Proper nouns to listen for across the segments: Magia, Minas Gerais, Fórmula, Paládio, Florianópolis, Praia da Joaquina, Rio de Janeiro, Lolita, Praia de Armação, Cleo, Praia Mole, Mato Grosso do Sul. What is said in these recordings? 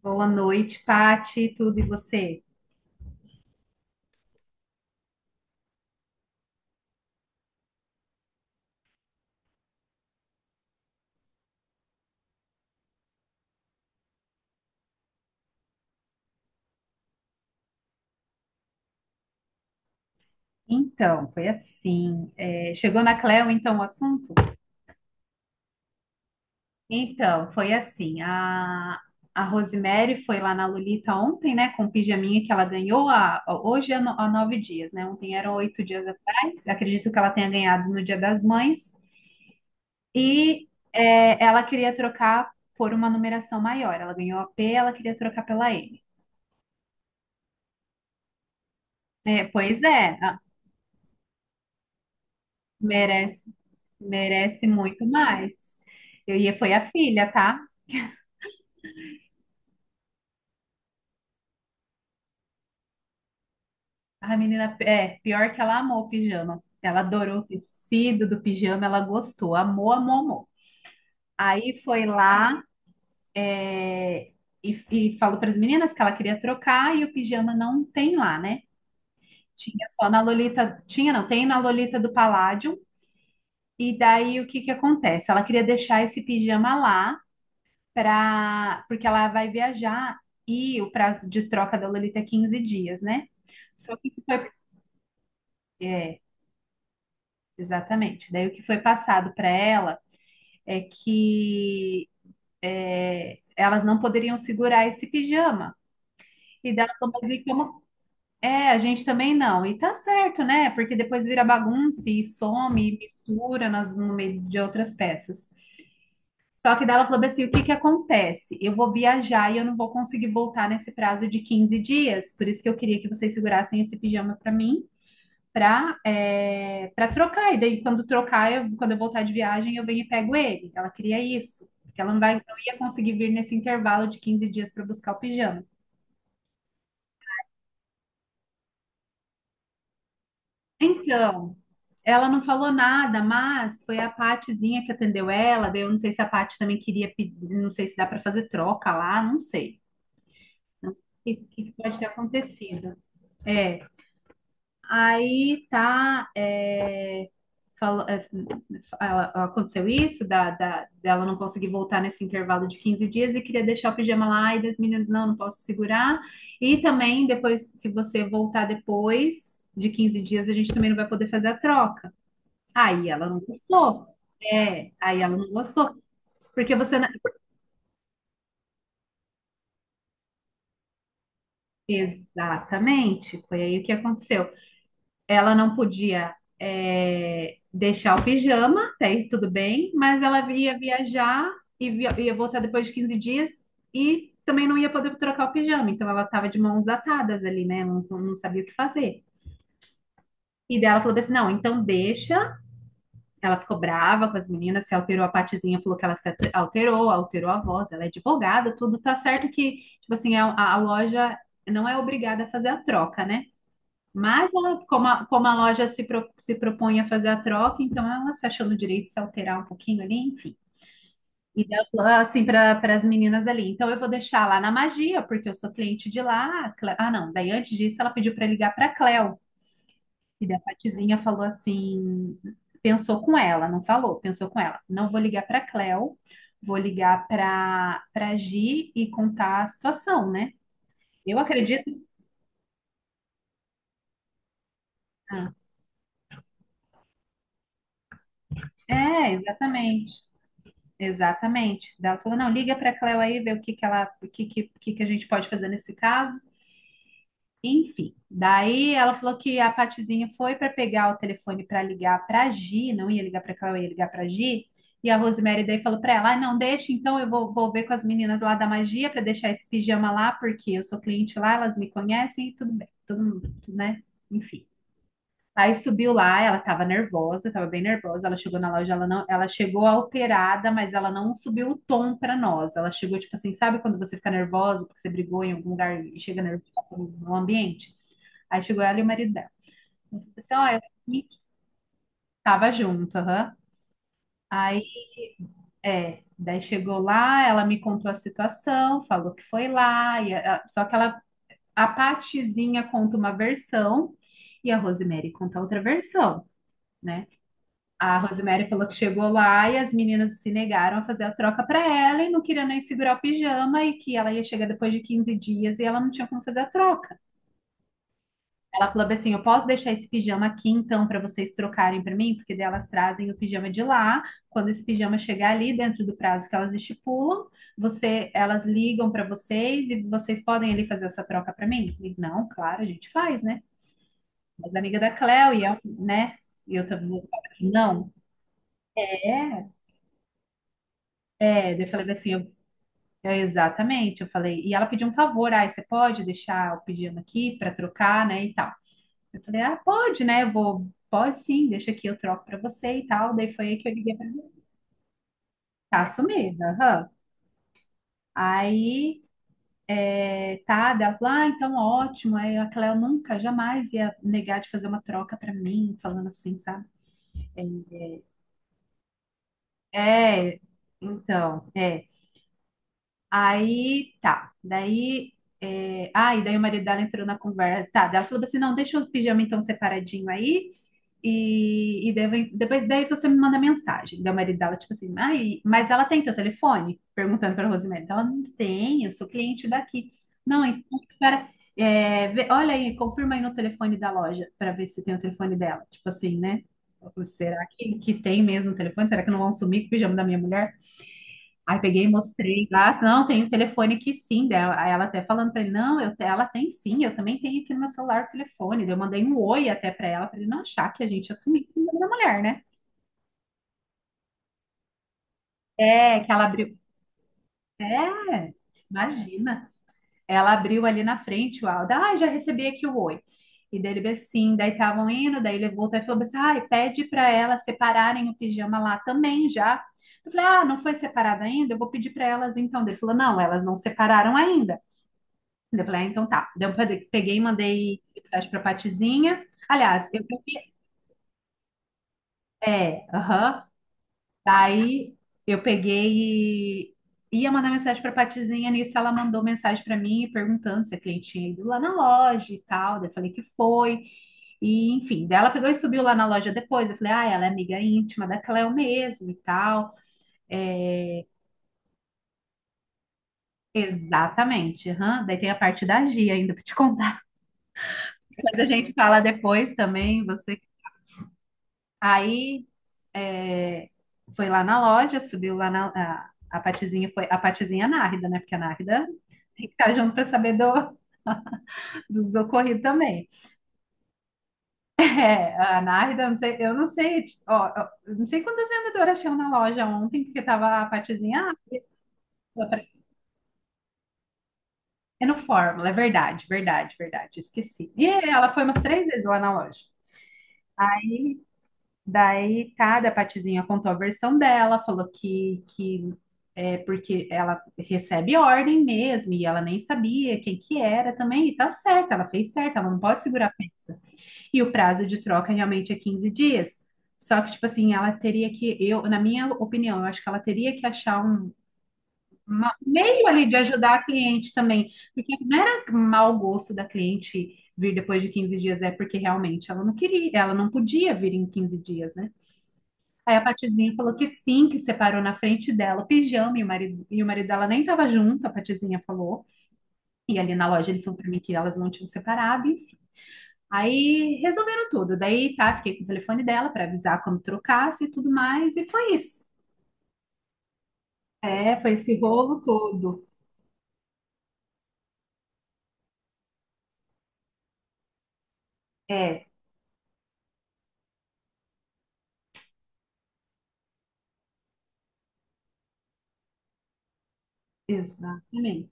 Boa noite, Pati, tudo e você? Então, foi assim. Chegou na Cleo, então, o assunto? Então, foi assim. A Rosemary foi lá na Lolita ontem, né, com o pijaminha que ela ganhou há, hoje há, no- há 9 dias, né? Ontem eram 8 dias atrás. Acredito que ela tenha ganhado no Dia das Mães. E ela queria trocar por uma numeração maior. Ela ganhou a P, ela queria trocar pela M. É, pois é, merece. Merece muito mais. Foi a filha, tá? A menina, pior que ela amou o pijama. Ela adorou o tecido do pijama, ela gostou, amou, amou, amou. Aí foi lá, é, e falou para as meninas que ela queria trocar e o pijama não tem lá, né? Tinha só na Lolita, tinha não, tem na Lolita do Paládio. E daí o que que acontece? Ela queria deixar esse pijama lá, para porque ela vai viajar e o prazo de troca da Lolita é 15 dias, né? Só que o que foi, é, exatamente. Daí o que foi passado para ela é que elas não poderiam segurar esse pijama. E dela falou, mas e como? É, a gente também não. E tá certo, né? Porque depois vira bagunça e some e mistura nas, no meio de outras peças. Só que daí ela falou bem assim: o que que acontece? Eu vou viajar e eu não vou conseguir voltar nesse prazo de 15 dias, por isso que eu queria que vocês segurassem esse pijama para mim, para trocar. E daí, quando trocar, quando eu voltar de viagem, eu venho e pego ele. Ela queria isso, porque ela não vai, não ia conseguir vir nesse intervalo de 15 dias para buscar o pijama. Então, ela não falou nada, mas foi a Patizinha que atendeu ela. Daí eu não sei se a Pati também queria pedir, não sei se dá para fazer troca lá, não sei. O que que pode ter acontecido? É, aí tá, fala- é, aconteceu isso, dela não conseguir voltar nesse intervalo de 15 dias e queria deixar o pijama lá, e das meninas, não, não posso segurar. E também, depois, se você voltar depois de 15 dias, a gente também não vai poder fazer a troca. Aí ela não gostou. É, aí ela não gostou. Porque você. Não- Exatamente, foi aí o que aconteceu. Ela não podia deixar o pijama, até aí tudo bem, mas ela ia viajar e ia voltar depois de 15 dias e também não ia poder trocar o pijama, então ela estava de mãos atadas ali, né? Não, não sabia o que fazer. E daí ela falou assim: não, então deixa. Ela ficou brava com as meninas, se alterou a partezinha, falou que ela se ate- alterou, alterou a voz, ela é advogada, tudo tá certo que, tipo assim, a loja não é obrigada a fazer a troca, né? Mas ela, como a, como a loja se propõe a fazer a troca, então ela se achou no direito de se alterar um pouquinho ali, enfim. E daí ela falou assim para as meninas ali, então eu vou deixar lá na Magia, porque eu sou cliente de lá. Ah, não, daí antes disso ela pediu para ligar para a Cleo. E daí a Patizinha falou assim, pensou com ela, não falou, pensou com ela. Não vou ligar para a Cleo, vou ligar para Gi e contar a situação, né? Eu acredito. Ah, é, exatamente. Exatamente. Daí ela falou: não, liga para a Cleo aí, vê o que que ela, o que que a gente pode fazer nesse caso. Enfim, daí ela falou que a Patizinha foi para pegar o telefone para ligar para a Gi, não ia ligar para a Cleo, ia ligar para a Gi. E a Rosemary daí falou para ela: ah, não, deixa, então eu vou ver com as meninas lá da magia para deixar esse pijama lá, porque eu sou cliente lá, elas me conhecem e tudo bem, tudo, tudo, né? Enfim. Aí subiu lá, ela tava nervosa, tava bem nervosa. Ela chegou na loja, ela não, ela chegou alterada, mas ela não subiu o tom pra nós. Ela chegou tipo assim, sabe quando você fica nervosa porque você brigou em algum lugar e chega nervosa no ambiente? Aí chegou ela e o marido dela. Ela falou assim, ó, eu sei que tava junto, aham. Aí, daí chegou lá, ela me contou a situação, falou que foi lá, só que ela, a Patizinha conta uma versão e a Rosemary conta outra versão, né? A Rosemary falou que chegou lá e as meninas se negaram a fazer a troca para ela e não queria nem segurar o pijama e que ela ia chegar depois de 15 dias e ela não tinha como fazer a troca. Ela falou assim: eu posso deixar esse pijama aqui então para vocês trocarem para mim? Porque daí elas trazem o pijama de lá. Quando esse pijama chegar ali dentro do prazo que elas estipulam, elas ligam para vocês e vocês podem ali fazer essa troca para mim? E, não, claro, a gente faz, né? Mas a amiga da Cléo e eu, né? E eu também, não, é, é. Daí eu falei assim, é, exatamente, eu falei. E ela pediu um favor, ah, você pode deixar o pedido aqui para trocar, né, e tal. Eu falei, ah, pode, né, eu vou, pode sim, deixa aqui, eu troco para você e tal. Daí foi aí que eu liguei para você. Tá sumida, aham. Aí, tá, daí ela falou, ah, então ótimo. Aí a Cléo nunca, jamais ia negar de fazer uma troca para mim, falando assim, sabe? É, é, então, é. Aí tá, daí. Ah, e daí o marido dela entrou na conversa. Tá, daí ela falou assim: não, deixa o pijama então separadinho aí. E daí depois daí você me manda mensagem. Daí o marido dela, tipo assim, ah, mas ela tem teu telefone? Perguntando pra Rosemary. Ela não tem, eu sou cliente daqui. Não, então, espera. Olha aí, confirma aí no telefone da loja pra ver se tem o telefone dela. Tipo assim, né? Será que tem mesmo o telefone? Será que não vão sumir com o pijama da minha mulher? Aí peguei e mostrei lá, não, tem o telefone aqui sim, daí ela até falando para ele, não, ela tem sim, eu também tenho aqui no meu celular o telefone. Daí eu mandei um oi até para ela, para ele não achar que a gente assumiu o nome da mulher, né? É, que ela abriu, é, imagina, ela abriu ali na frente o áudio, ah, já recebi aqui o oi. E daí ele bem assim, daí estavam indo, daí ele voltou e falou assim, ai, pede para elas separarem o pijama lá também já. Eu falei, ah, não foi separado ainda? Eu vou pedir para elas então. Daí ele falou, não, elas não separaram ainda. Eu falei, ah, então tá. Daí peguei e mandei mensagem pra Patizinha. Aliás, eu peguei. É, aham. Daí eu peguei e ia mandar mensagem pra Patizinha. Nisso ela mandou mensagem pra mim perguntando se a cliente tinha ido lá na loja e tal. Daí eu falei que foi. E enfim, daí ela pegou e subiu lá na loja depois. Eu falei, ah, ela é amiga íntima da Cleo mesmo e tal. É, exatamente. Aham. Daí tem a parte da Gia ainda pra te contar. Mas a gente fala depois também. Você. Aí É, foi lá na loja, subiu lá na. A Patizinha foi. A Patizinha Nárida, né? Porque a Nárida tem que estar junto para saber do, dos ocorridos também. É, a Nárida, eu não sei, ó, eu não sei quantas vendedoras tinham na loja ontem, porque tava a Patizinha. Ah, é no Fórmula, é verdade, verdade, verdade, esqueci. E ela foi umas 3 vezes lá na loja. Daí, cada Patizinha contou a versão dela, falou que é porque ela recebe ordem mesmo, e ela nem sabia quem que era também, e tá certo, ela fez certo, ela não pode segurar a peça. E o prazo de troca realmente é 15 dias. Só que, tipo assim, eu, na minha opinião, eu acho que ela teria que achar um meio ali de ajudar a cliente também, porque não era mau gosto da cliente vir depois de 15 dias, é porque realmente ela não queria, ela não podia vir em 15 dias, né? Aí a Patizinha falou que sim, que separou na frente dela o pijama e o marido dela nem estava junto, a Patizinha falou. E ali na loja ele falou para mim que elas não tinham separado. Enfim. Aí resolveram tudo. Daí tá, fiquei com o telefone dela para avisar quando trocasse e tudo mais. E foi isso. É, foi esse rolo todo. É, exatamente.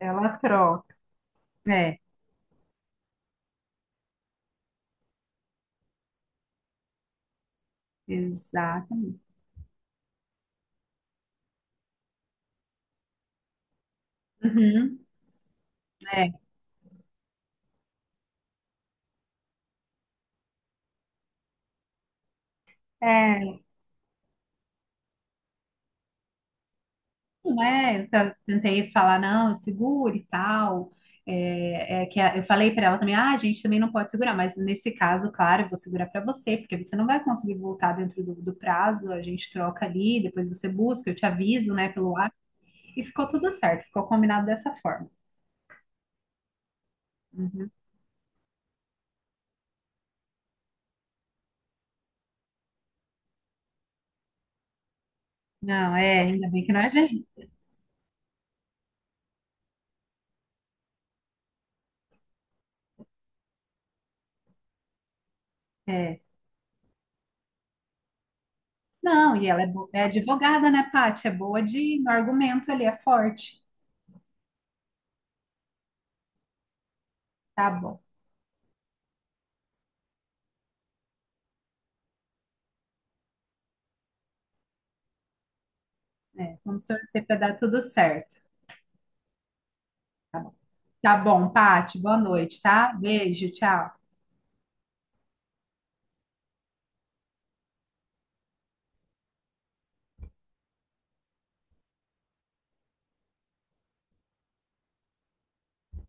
Ela troca. É, exatamente. Uhum, é. É, não é, tentei falar, não, segure e tal. É, é que eu falei para ela também, ah, a gente também não pode segurar, mas nesse caso, claro, eu vou segurar para você, porque você não vai conseguir voltar dentro do prazo, a gente troca ali, depois você busca, eu te aviso, né, pelo WhatsApp, e ficou tudo certo, ficou combinado dessa forma. Uhum. Não, ainda bem que não é gente. É. Não, e ela é advogada, né, Paty? É boa de, no argumento ali, é forte. Tá bom, vamos torcer para dar tudo certo. Tá bom, Pati, boa noite, tá? Beijo, tchau.